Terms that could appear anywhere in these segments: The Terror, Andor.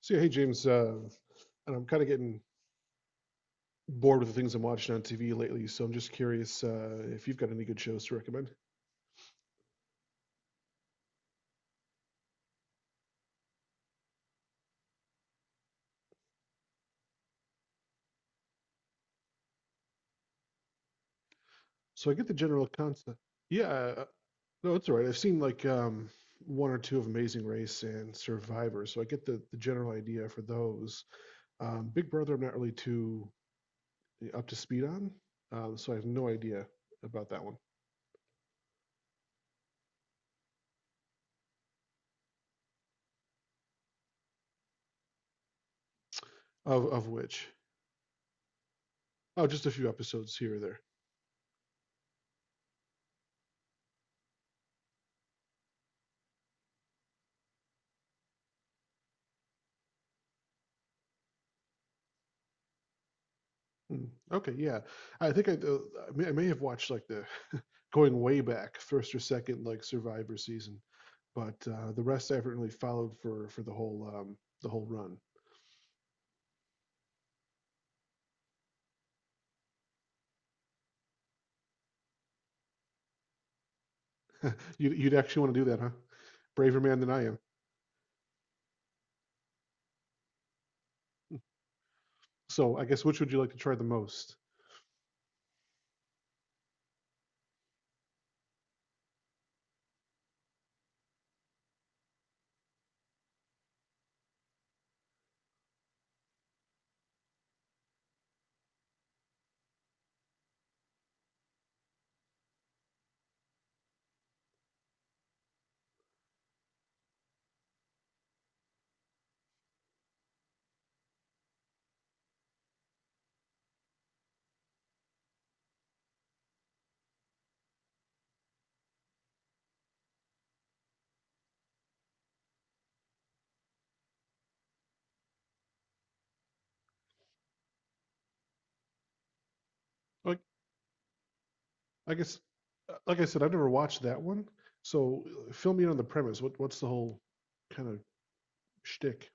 So yeah, hey, James, and I'm kind of getting bored with the things I'm watching on TV lately, so I'm just curious if you've got any good shows to recommend. So I get the general concept. Yeah, no, it's all right. I've seen like one or two of Amazing Race and Survivor, so I get the general idea for those. Big Brother, I'm not really too up to speed on, so I have no idea about that one. Of which, oh, just a few episodes here or there. Mm, okay, yeah. I think I may have watched like the going way back first or second like Survivor season, but the rest I haven't really followed for the whole run. You'd actually want to do that, huh? Braver man than I am. So I guess which would you like to try the most? Like I guess, like I said, I've never watched that one. So fill me in on the premise. What's the whole kind of shtick?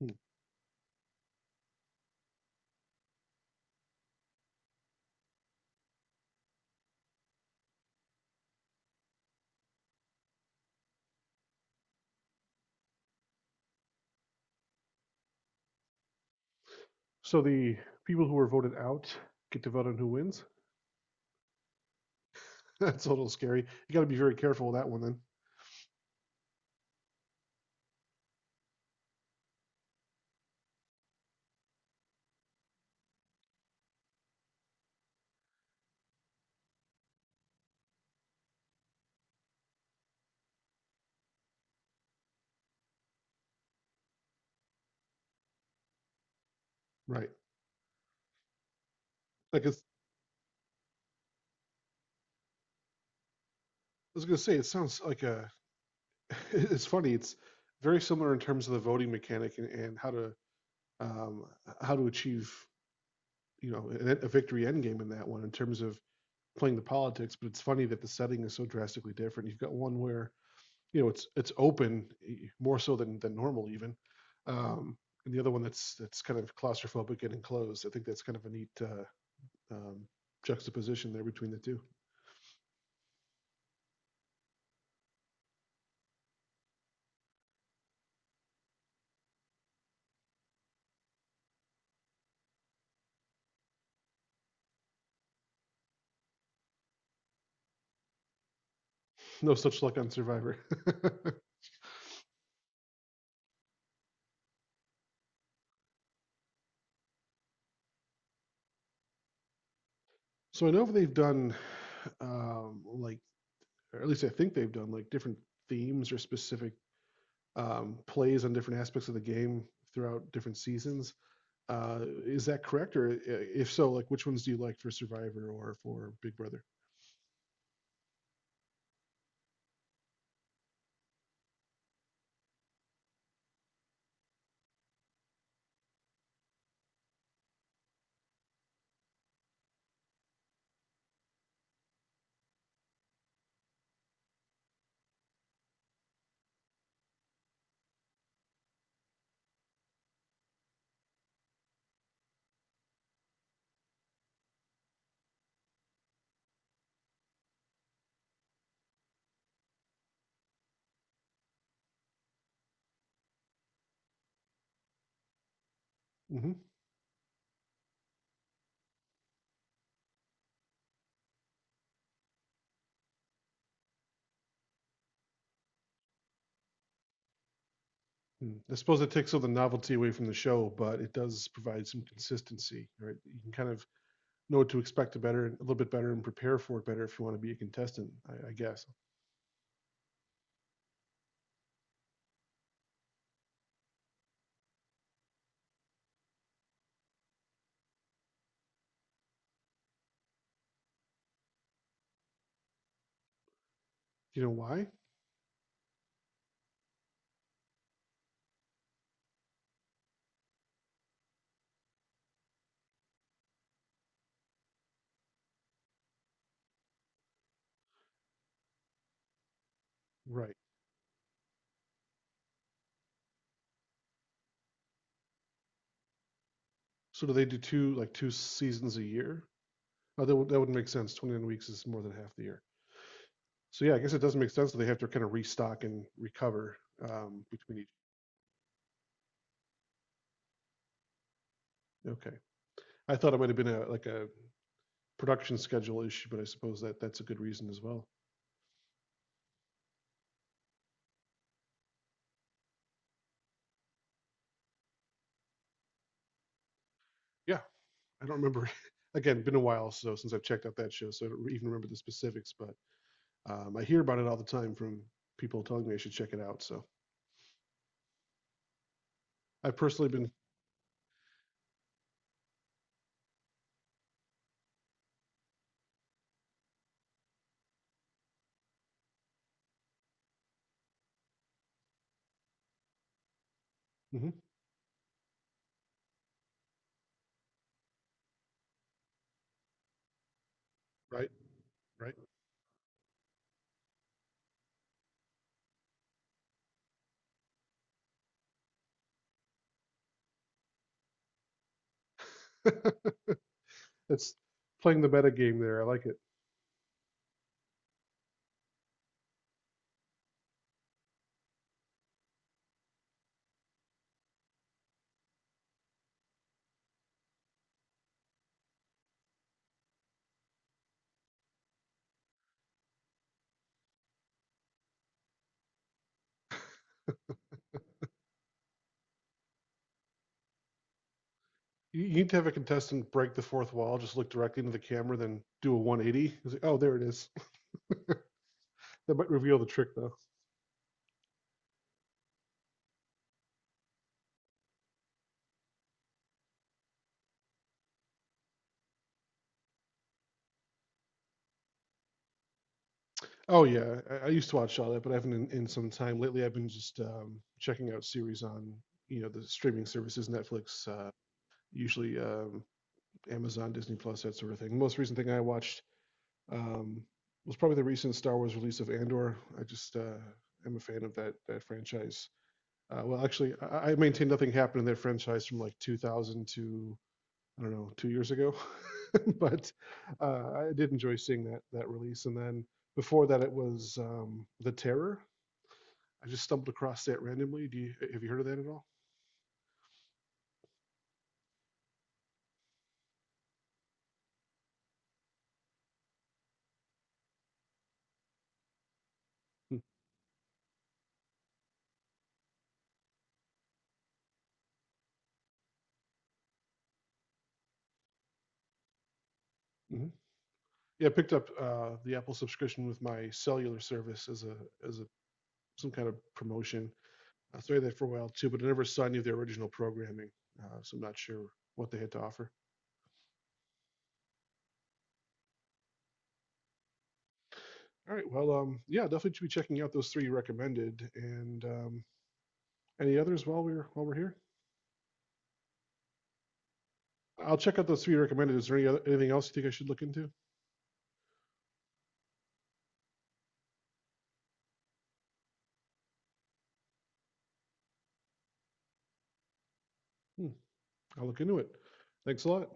Hmm. So the people who were voted out get to vote on who wins. That's a little scary. You got to be very careful with that one then. Right. Like I was going to say, it sounds like a, it's funny. It's very similar in terms of the voting mechanic and how to, um, achieve, a victory end game in that one in terms of playing the politics. But it's funny that the setting is so drastically different. You've got one where, it's open more so than normal even. Um, and the other one that's kind of claustrophobic and enclosed. I think that's kind of a neatum, juxtaposition there between the two. No such luck on Survivor. So I know they've done, like, or at least I think they've done like different themes or specific plays on different aspects of the game throughout different seasons. Uh, is that correct, or if so, like which ones do you like for Survivor or for Big Brother? Mm-hmm. I suppose it takes all the novelty away from the show, but it does provide some consistency, right? You can kind of know what to expect a little bit better, and prepare for it better if you want to be a contestant. I guess. You know why? Right. So do they do two seasons a year? Oh, that would make sense. 29 weeks is more than half the year. So yeah, I guess it doesn't make sense that they have to kind of restock and recover between each. Okay. I thought it might have been a like a production schedule issue, but I suppose that that's a good reason as well. Yeah, I don't remember. Again, been a while so since I've checked out that show, so I don't even remember the specifics. But I hear about it all the time from people telling me I should check it out. So I've personally been. Mhm, right, right. It's playing the meta game there. I like it. You need to have a contestant break the fourth wall, just look directly into the camera, then do a 180. It's like, oh, there it is. That might reveal the trick, though. Oh yeah, I used to watch all that, but I haven't in some time. Lately, I've been just checking out series on the streaming services, Netflix, usually Amazon, Disney Plus, that sort of thing. The most recent thing I watched um, was probably the recent Star Wars release of Andor. I just am a fan of that franchise. Well, actually, I maintain nothing happened in that franchise from like 2000 to I don't know 2 years ago, but I did enjoy seeing that release. And then before that, it was The Terror. I just stumbled across that randomly. Do you Have you heard of that at all? Hmm. Mm-hmm. Yeah, I picked up the Apple subscription with my cellular service as a as a some kind of promotion. I was that for a while too, but I never saw any of their original programming, so I'm not sure what they had to offer. All right, well, yeah, definitely should be checking out those three you recommended, and any others while we're here. I'll check out those three you recommended. Is there anything else you think I should look into? Hmm, I'll look into it. Thanks a lot.